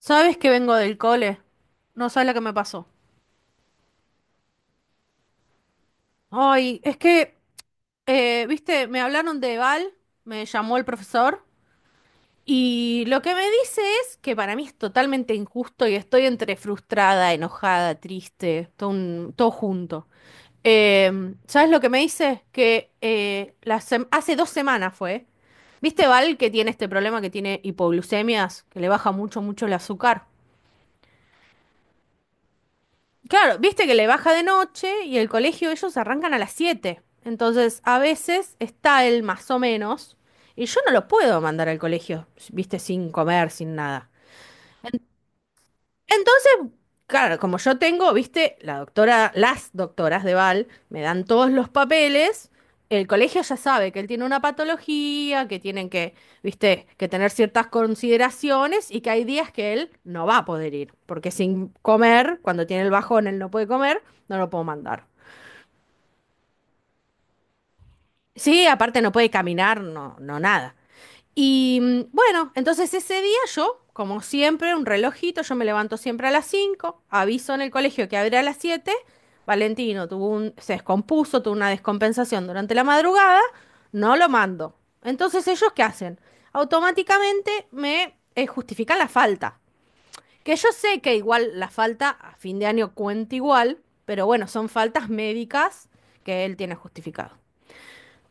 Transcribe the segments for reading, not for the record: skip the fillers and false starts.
¿Sabes que vengo del cole? No sabes lo que me pasó. Ay, es que, viste, me hablaron de Val, me llamó el profesor, y lo que me dice es que para mí es totalmente injusto y estoy entre frustrada, enojada, triste, todo, todo junto. Eh, ¿Sabes lo que me dice? Que hace 2 semanas fue. ¿Viste Val que tiene este problema que tiene hipoglucemias, que le baja mucho, mucho el azúcar? Claro, viste que le baja de noche y el colegio ellos arrancan a las 7. Entonces, a veces está él más o menos y yo no lo puedo mandar al colegio, viste, sin comer, sin nada. Entonces, claro, como yo tengo, viste, la doctora, las doctoras de Val me dan todos los papeles, el colegio ya sabe que él tiene una patología, que tienen que, viste, que tener ciertas consideraciones y que hay días que él no va a poder ir, porque sin comer, cuando tiene el bajón, él no puede comer, no lo puedo mandar. Sí, aparte no puede caminar, no, no nada. Y bueno, entonces ese día yo, como siempre, un relojito, yo me levanto siempre a las 5, aviso en el colegio que abre a las 7. Valentino tuvo se descompuso, tuvo una descompensación durante la madrugada, no lo mando. Entonces ellos, ¿qué hacen? Automáticamente me justifican la falta. Que yo sé que igual la falta a fin de año cuenta igual, pero bueno, son faltas médicas que él tiene justificado.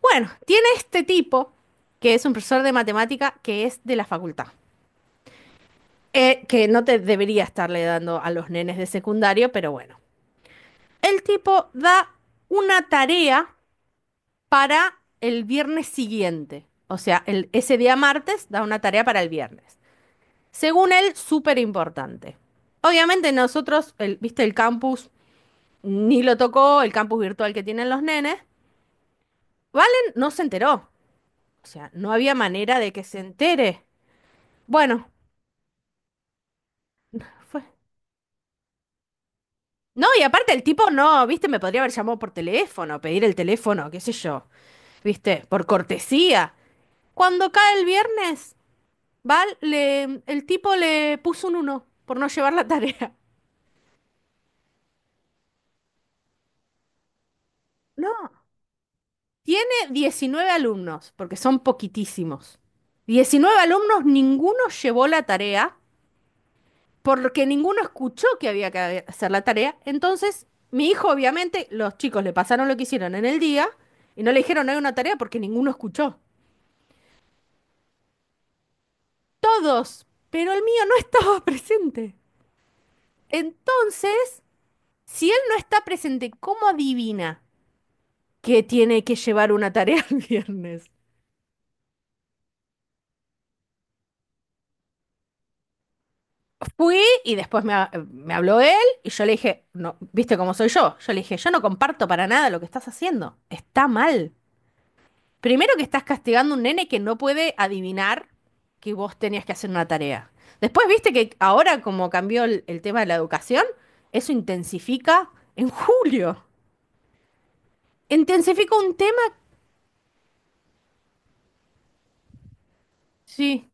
Bueno, tiene este tipo, que es un profesor de matemática, que es de la facultad. Que no te debería estarle dando a los nenes de secundario, pero bueno. El tipo da una tarea para el viernes siguiente. O sea, ese día martes da una tarea para el viernes. Según él, súper importante. Obviamente nosotros, viste, el campus ni lo tocó, el campus virtual que tienen los nenes. Valen no se enteró. O sea, no había manera de que se entere. Bueno, fue. No, y aparte el tipo no, viste, me podría haber llamado por teléfono, pedir el teléfono, qué sé yo, viste, por cortesía. Cuando cae el viernes, el tipo le puso un uno por no llevar la tarea. No, tiene 19 alumnos, porque son poquitísimos. 19 alumnos, ninguno llevó la tarea, porque ninguno escuchó que había que hacer la tarea. Entonces, mi hijo, obviamente, los chicos le pasaron lo que hicieron en el día y no le dijeron "No hay una tarea porque ninguno escuchó". Todos, pero el mío no estaba presente. Entonces, si él no está presente, ¿cómo adivina que tiene que llevar una tarea el viernes? Fui y después me, me habló él y yo le dije, no, ¿viste cómo soy yo? Yo le dije, yo no comparto para nada lo que estás haciendo. Está mal. Primero que estás castigando a un nene que no puede adivinar que vos tenías que hacer una tarea. Después, viste que ahora como cambió el tema de la educación, eso intensifica en julio. Intensifica un tema, sí.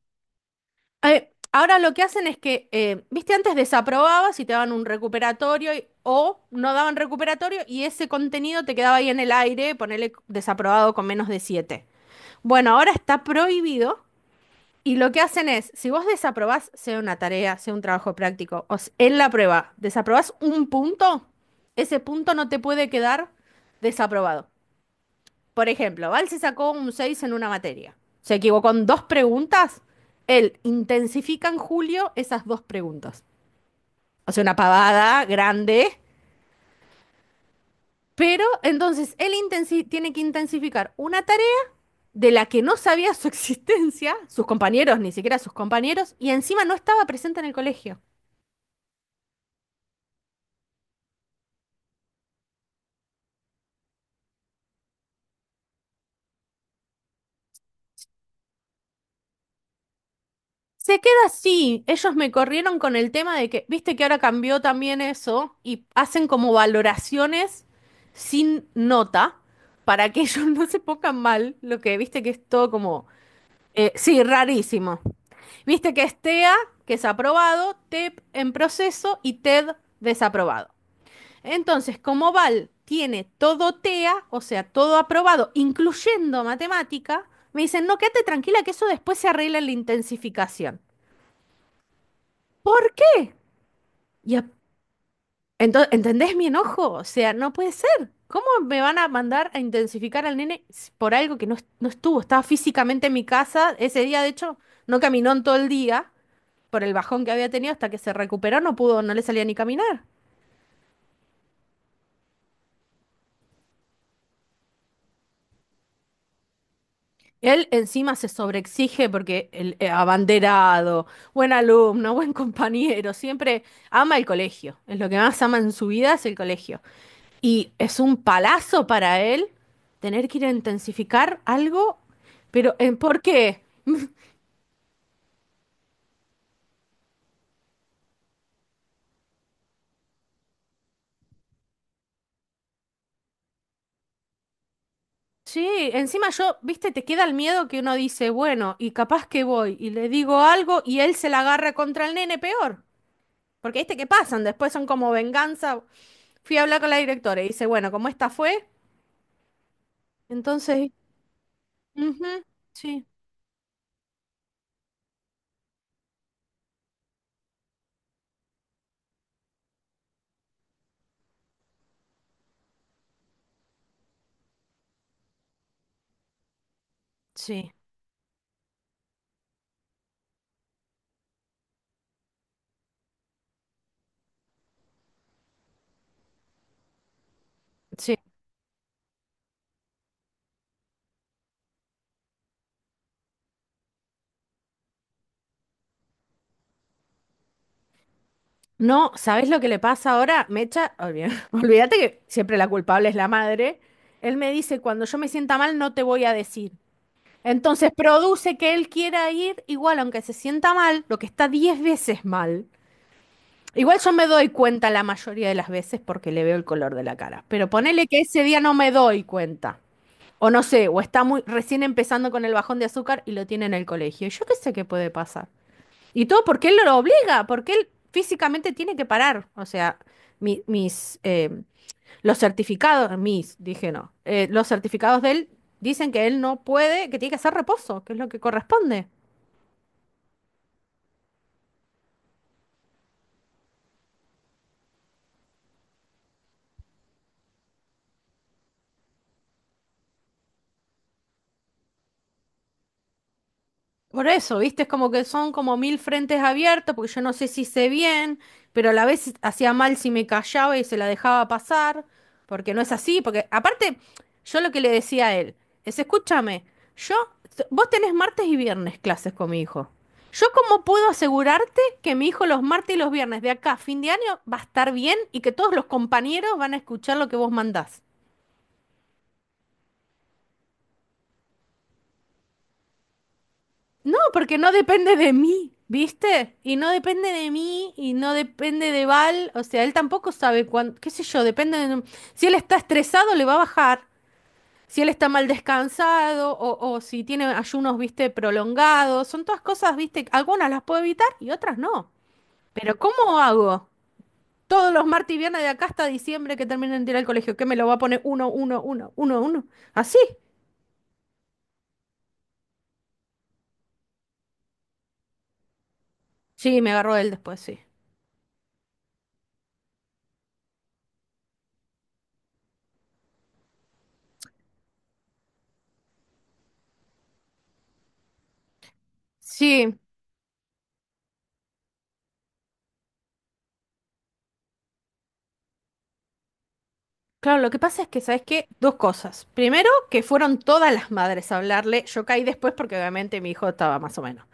Ahora lo que hacen es que, viste, antes desaprobabas y te daban un recuperatorio o no daban recuperatorio y ese contenido te quedaba ahí en el aire, ponerle desaprobado con menos de 7. Bueno, ahora está prohibido y lo que hacen es, si vos desaprobás, sea una tarea, sea un trabajo práctico, en la prueba, desaprobás un punto, ese punto no te puede quedar desaprobado. Por ejemplo, Val se sacó un 6 en una materia. Se equivocó en dos preguntas. Él intensifica en julio esas dos preguntas. O sea, una pavada grande. Pero entonces él tiene que intensificar una tarea de la que no sabía su existencia, sus compañeros, ni siquiera sus compañeros, y encima no estaba presente en el colegio. Se queda así. Ellos me corrieron con el tema de que, viste que ahora cambió también eso y hacen como valoraciones sin nota para que ellos no se pongan mal, lo que viste que es todo como, sí, rarísimo. Viste que es TEA, que es aprobado, TEP en proceso y TED desaprobado. Entonces, como Val tiene todo TEA, o sea, todo aprobado, incluyendo matemática, me dicen, no, quédate tranquila que eso después se arregla en la intensificación. ¿Por qué? Y a- ¿Entendés mi enojo? O sea, no puede ser. ¿Cómo me van a mandar a intensificar al nene por algo que no estuvo? Estaba físicamente en mi casa. Ese día, de hecho, no caminó en todo el día por el bajón que había tenido hasta que se recuperó. No pudo, no le salía ni caminar. Él encima se sobreexige porque el abanderado, buen alumno, buen compañero, siempre ama el colegio. Es lo que más ama en su vida es el colegio. Y es un palazo para él tener que ir a intensificar algo, pero ¿en por qué? Sí, encima yo, viste, te queda el miedo que uno dice, bueno, y capaz que voy y le digo algo y él se la agarra contra el nene peor. Porque viste que pasan, después son como venganza. Fui a hablar con la directora y dice, bueno, como esta fue, entonces, ujú, sí, sí, sí. No, ¿sabes lo que le pasa ahora? Mecha, olvídate que siempre la culpable es la madre. Él me dice, cuando yo me sienta mal, no te voy a decir. Entonces produce que él quiera ir igual, aunque se sienta mal, lo que está 10 veces mal. Igual yo me doy cuenta la mayoría de las veces porque le veo el color de la cara. Pero ponele que ese día no me doy cuenta. O no sé, o está muy recién empezando con el bajón de azúcar y lo tiene en el colegio. Yo qué sé qué puede pasar. Y todo porque él lo obliga, porque él físicamente tiene que parar. O sea, mi- mis, eh, los certificados, mis, dije no, los certificados de él dicen que él no puede, que tiene que hacer reposo, que es lo que corresponde. Por eso, ¿viste? Es como que son como mil frentes abiertos, porque yo no sé si hice bien, pero a la vez hacía mal si me callaba y se la dejaba pasar, porque no es así, porque aparte, yo lo que le decía a él es, escúchame, yo, vos tenés martes y viernes clases con mi hijo. ¿Yo cómo puedo asegurarte que mi hijo los martes y los viernes de acá a fin de año va a estar bien y que todos los compañeros van a escuchar lo que vos mandás? No, porque no depende de mí, ¿viste? Y no depende de mí y no depende de Val. O sea, él tampoco sabe cuándo, qué sé yo, depende de... Si él está estresado, le va a bajar. Si él está mal descansado o si tiene ayunos, viste, prolongados. Son todas cosas, viste, algunas las puedo evitar y otras no. Pero ¿cómo hago? Todos los martes y viernes de acá hasta diciembre que terminen de ir al colegio, ¿qué me lo va a poner uno, uno, uno, uno, uno? ¿Así? Sí, me agarró él después, sí. Sí, claro, lo que pasa es que, ¿sabes qué? Dos cosas. Primero, que fueron todas las madres a hablarle. Yo caí después porque obviamente mi hijo estaba más o menos.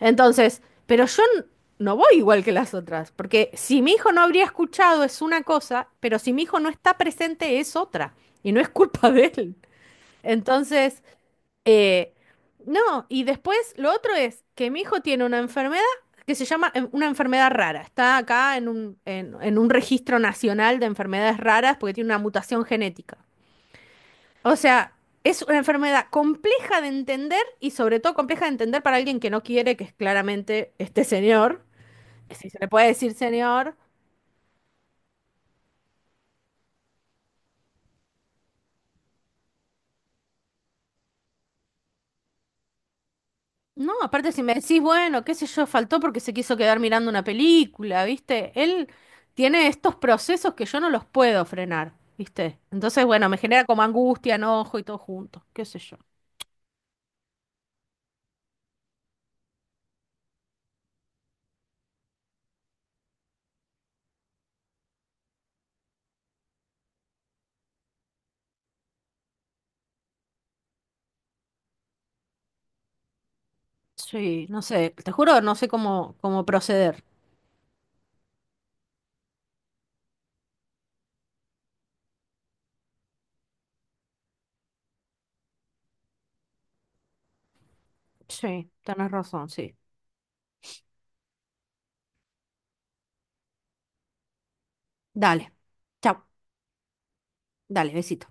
Entonces, pero yo no voy igual que las otras, porque si mi hijo no habría escuchado es una cosa, pero si mi hijo no está presente es otra, y no es culpa de él. Entonces, eh, no, y después lo otro es que mi hijo tiene una enfermedad que se llama una enfermedad rara. Está acá en un, en un registro nacional de enfermedades raras porque tiene una mutación genética. O sea, es una enfermedad compleja de entender y sobre todo compleja de entender para alguien que no quiere, que es claramente este señor. Si se le puede decir señor. No, aparte si me decís, bueno, qué sé yo, faltó porque se quiso quedar mirando una película, ¿viste? Él tiene estos procesos que yo no los puedo frenar, ¿viste? Entonces, bueno, me genera como angustia, enojo y todo junto, qué sé yo. Sí, no sé, te juro, no sé cómo proceder. Sí, tenés razón, sí. Dale, chao, dale, besito.